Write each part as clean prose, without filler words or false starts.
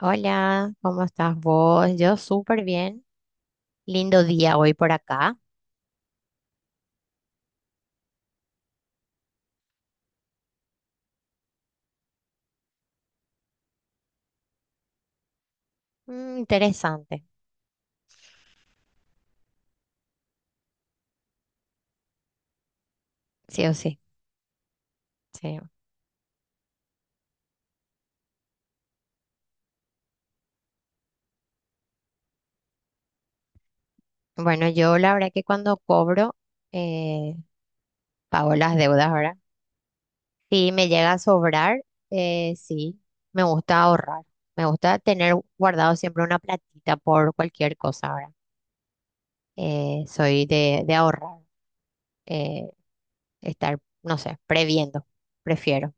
Hola, ¿cómo estás vos? Yo súper bien. Lindo día hoy por acá. Mm, interesante, sí o sí. Sí. Bueno, yo la verdad que cuando cobro, eh, pago las deudas ahora. Si me llega a sobrar, sí, me gusta ahorrar. Me gusta tener guardado siempre una platita por cualquier cosa ahora. Soy de ahorrar, eh, estar, no sé, previendo, prefiero.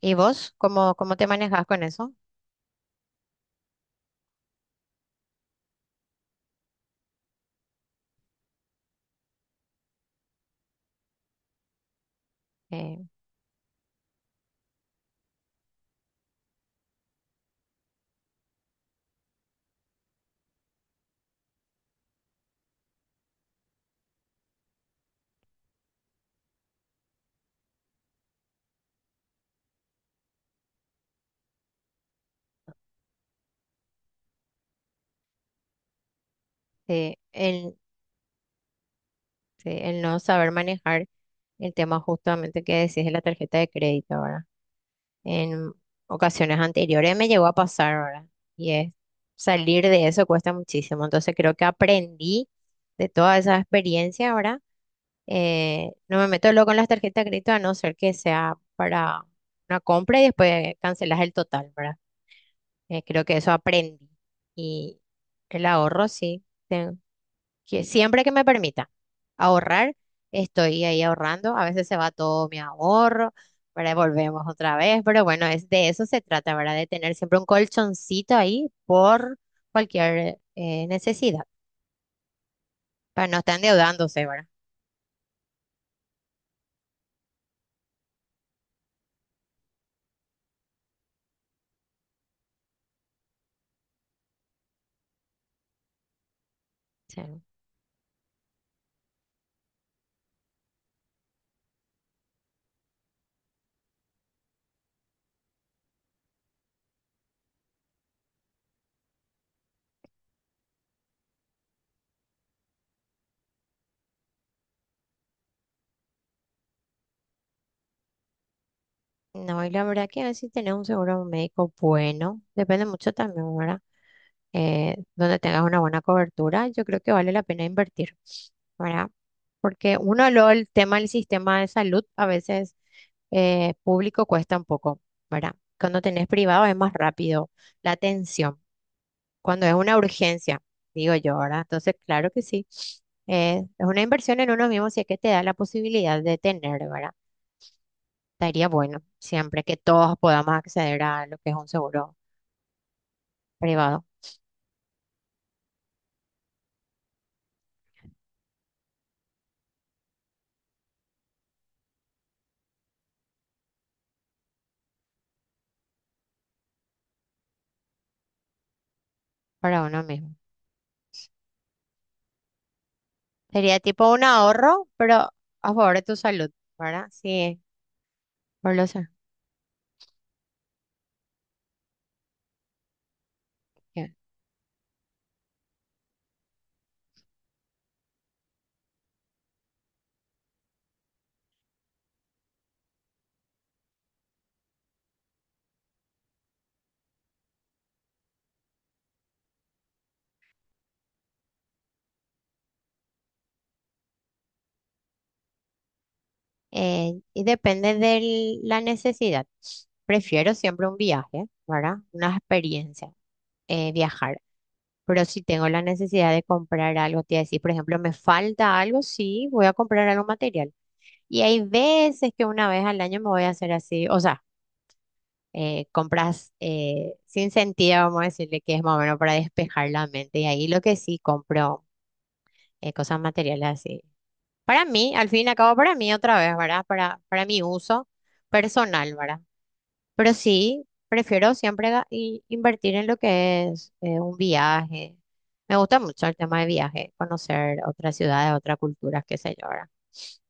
¿Y vos cómo, cómo te manejas con eso? Eh, sí, el- Sí, el no saber manejar el tema justamente que decís de la tarjeta de crédito, ¿verdad? En ocasiones anteriores me llegó a pasar, ¿verdad? Y es salir de eso cuesta muchísimo. Entonces creo que aprendí de toda esa experiencia, ¿verdad? No me meto luego con las tarjetas de crédito a no ser que sea para una compra y después cancelas el total, ¿verdad? Creo que eso aprendí. Y el ahorro, sí que siempre que me permita ahorrar, estoy ahí ahorrando. A veces se va todo mi ahorro, pero volvemos otra vez. Pero bueno, es de eso se trata, ¿verdad? De tener siempre un colchoncito ahí por cualquier necesidad, para no estar endeudándose, ¿verdad? Sí. No, y la verdad que a veces tener un seguro médico bueno, depende mucho también, ¿verdad? Donde tengas una buena cobertura, yo creo que vale la pena invertir, ¿verdad? Porque uno, luego el tema del sistema de salud a veces público cuesta un poco, ¿verdad? Cuando tenés privado es más rápido la atención, cuando es una urgencia, digo yo, ¿verdad? Entonces, claro que sí, es una inversión en uno mismo si es que te da la posibilidad de tener, ¿verdad? Estaría bueno siempre que todos podamos acceder a lo que es un seguro privado para uno mismo. Sería tipo un ahorro, pero a favor de tu salud, ¿verdad? Sí, por lo sa- y depende de la necesidad. Prefiero siempre un viaje, ¿verdad? Una experiencia, viajar. Pero si tengo la necesidad de comprar algo, te iba a decir, por ejemplo, me falta algo, sí, voy a comprar algo material. Y hay veces que una vez al año me voy a hacer así, o sea, compras sin sentido, vamos a decirle que es más o menos para despejar la mente. Y ahí lo que sí compro. Cosas materiales así. Para mí, al fin y al cabo, para mí otra vez, ¿verdad? Para mi uso personal, ¿verdad? Pero sí, prefiero siempre invertir en lo que es un viaje. Me gusta mucho el tema de viaje, conocer otras ciudades, otras culturas, qué sé yo, ¿verdad?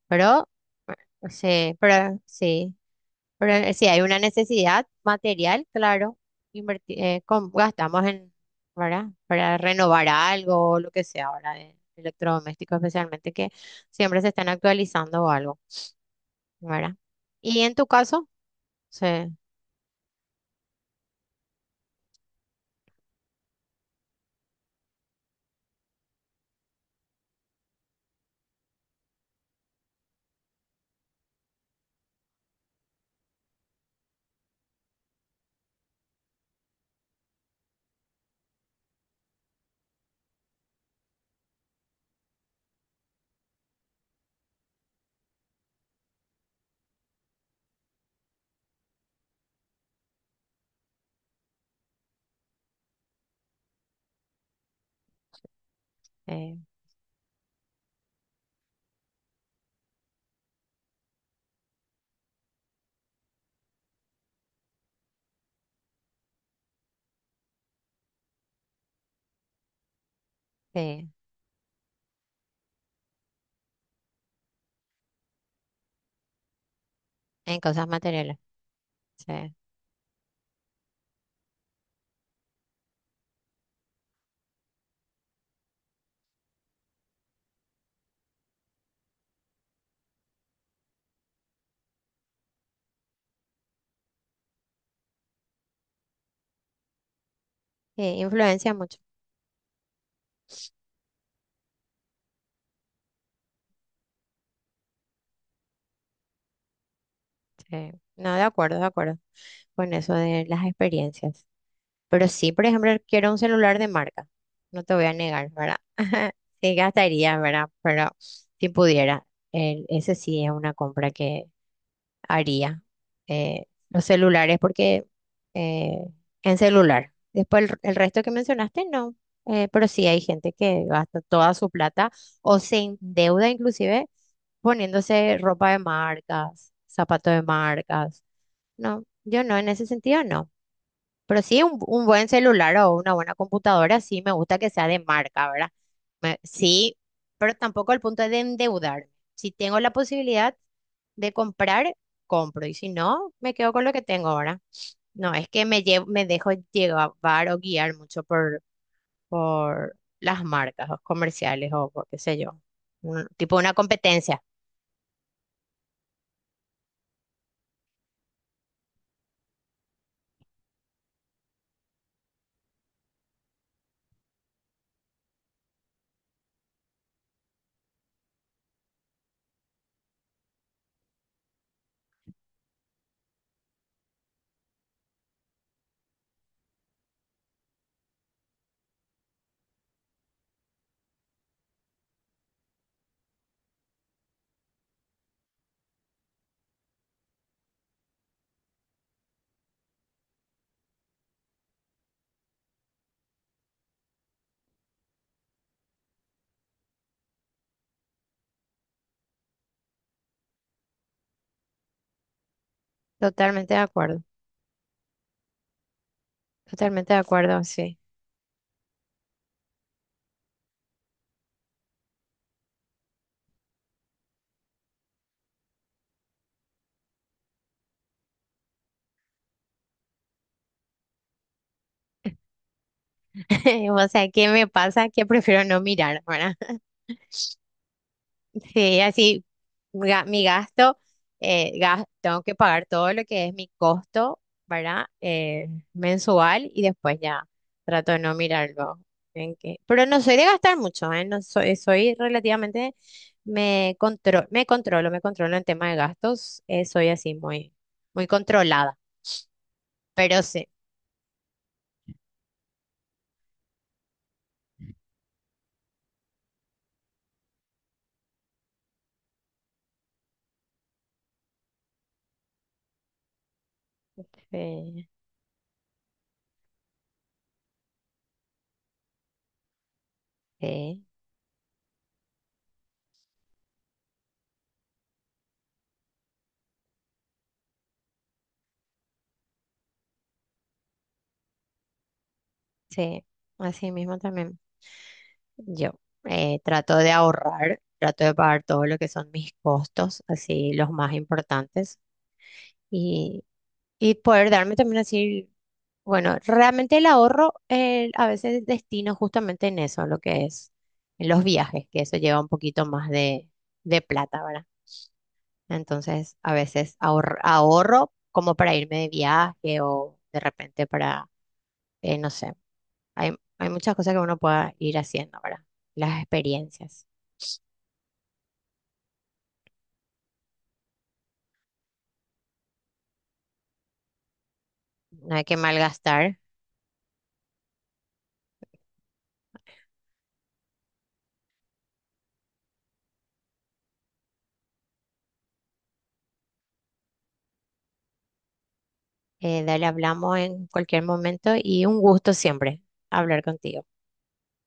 Pero, sí, pero sí. Pero si hay una necesidad material, claro, gastamos en, ¿verdad? Para renovar algo o lo que sea ahora de electrodomésticos, especialmente que siempre se están actualizando o algo, ¿verdad? Y en tu caso, sí, eh, sí, en cosas materiales, sí, sí, influencia mucho, sí. No, de acuerdo con eso de las experiencias. Pero sí, por ejemplo, quiero un celular de marca. No te voy a negar, ¿verdad? Sí, gastaría, ¿verdad? Pero si pudiera, ese sí es una compra que haría. Eh, los celulares, porque eh, en celular. Después el resto que mencionaste, no. Pero sí hay gente que gasta toda su plata o se endeuda inclusive poniéndose ropa de marcas, zapatos de marcas. No, yo no, en ese sentido no. Pero sí, un buen celular o una buena computadora, sí me gusta que sea de marca, ¿verdad? Sí, pero tampoco al punto de endeudarme. Si tengo la posibilidad de comprar, compro. Y si no, me quedo con lo que tengo ahora. No, es que me llevo, me dejo llevar o guiar mucho por las marcas o comerciales o por qué sé yo. Tipo una competencia. Totalmente de acuerdo. Totalmente de acuerdo, sí. O sea, ¿qué me pasa? Que prefiero no mirar, ¿verdad? Sí, así mi gasto, tengo que pagar todo lo que es mi costo, ¿verdad? Mensual y después ya trato de no mirarlo. Pero no soy de gastar mucho, ¿eh? No soy, soy relativamente, me controlo en tema de gastos, soy así muy, muy controlada, pero sí, eh, sí, sí, así mismo también. Yo trato de ahorrar, trato de pagar todo lo que son mis costos, así los más importantes, y, y poder darme también así, bueno, realmente el ahorro a veces destino justamente en eso, lo que es en los viajes, que eso lleva un poquito más de plata, ¿verdad? Entonces, a veces ahorro como para irme de viaje o de repente para, no sé, hay muchas cosas que uno pueda ir haciendo, ¿verdad? Las experiencias. No hay que malgastar. Dale, hablamos en cualquier momento y un gusto siempre hablar contigo.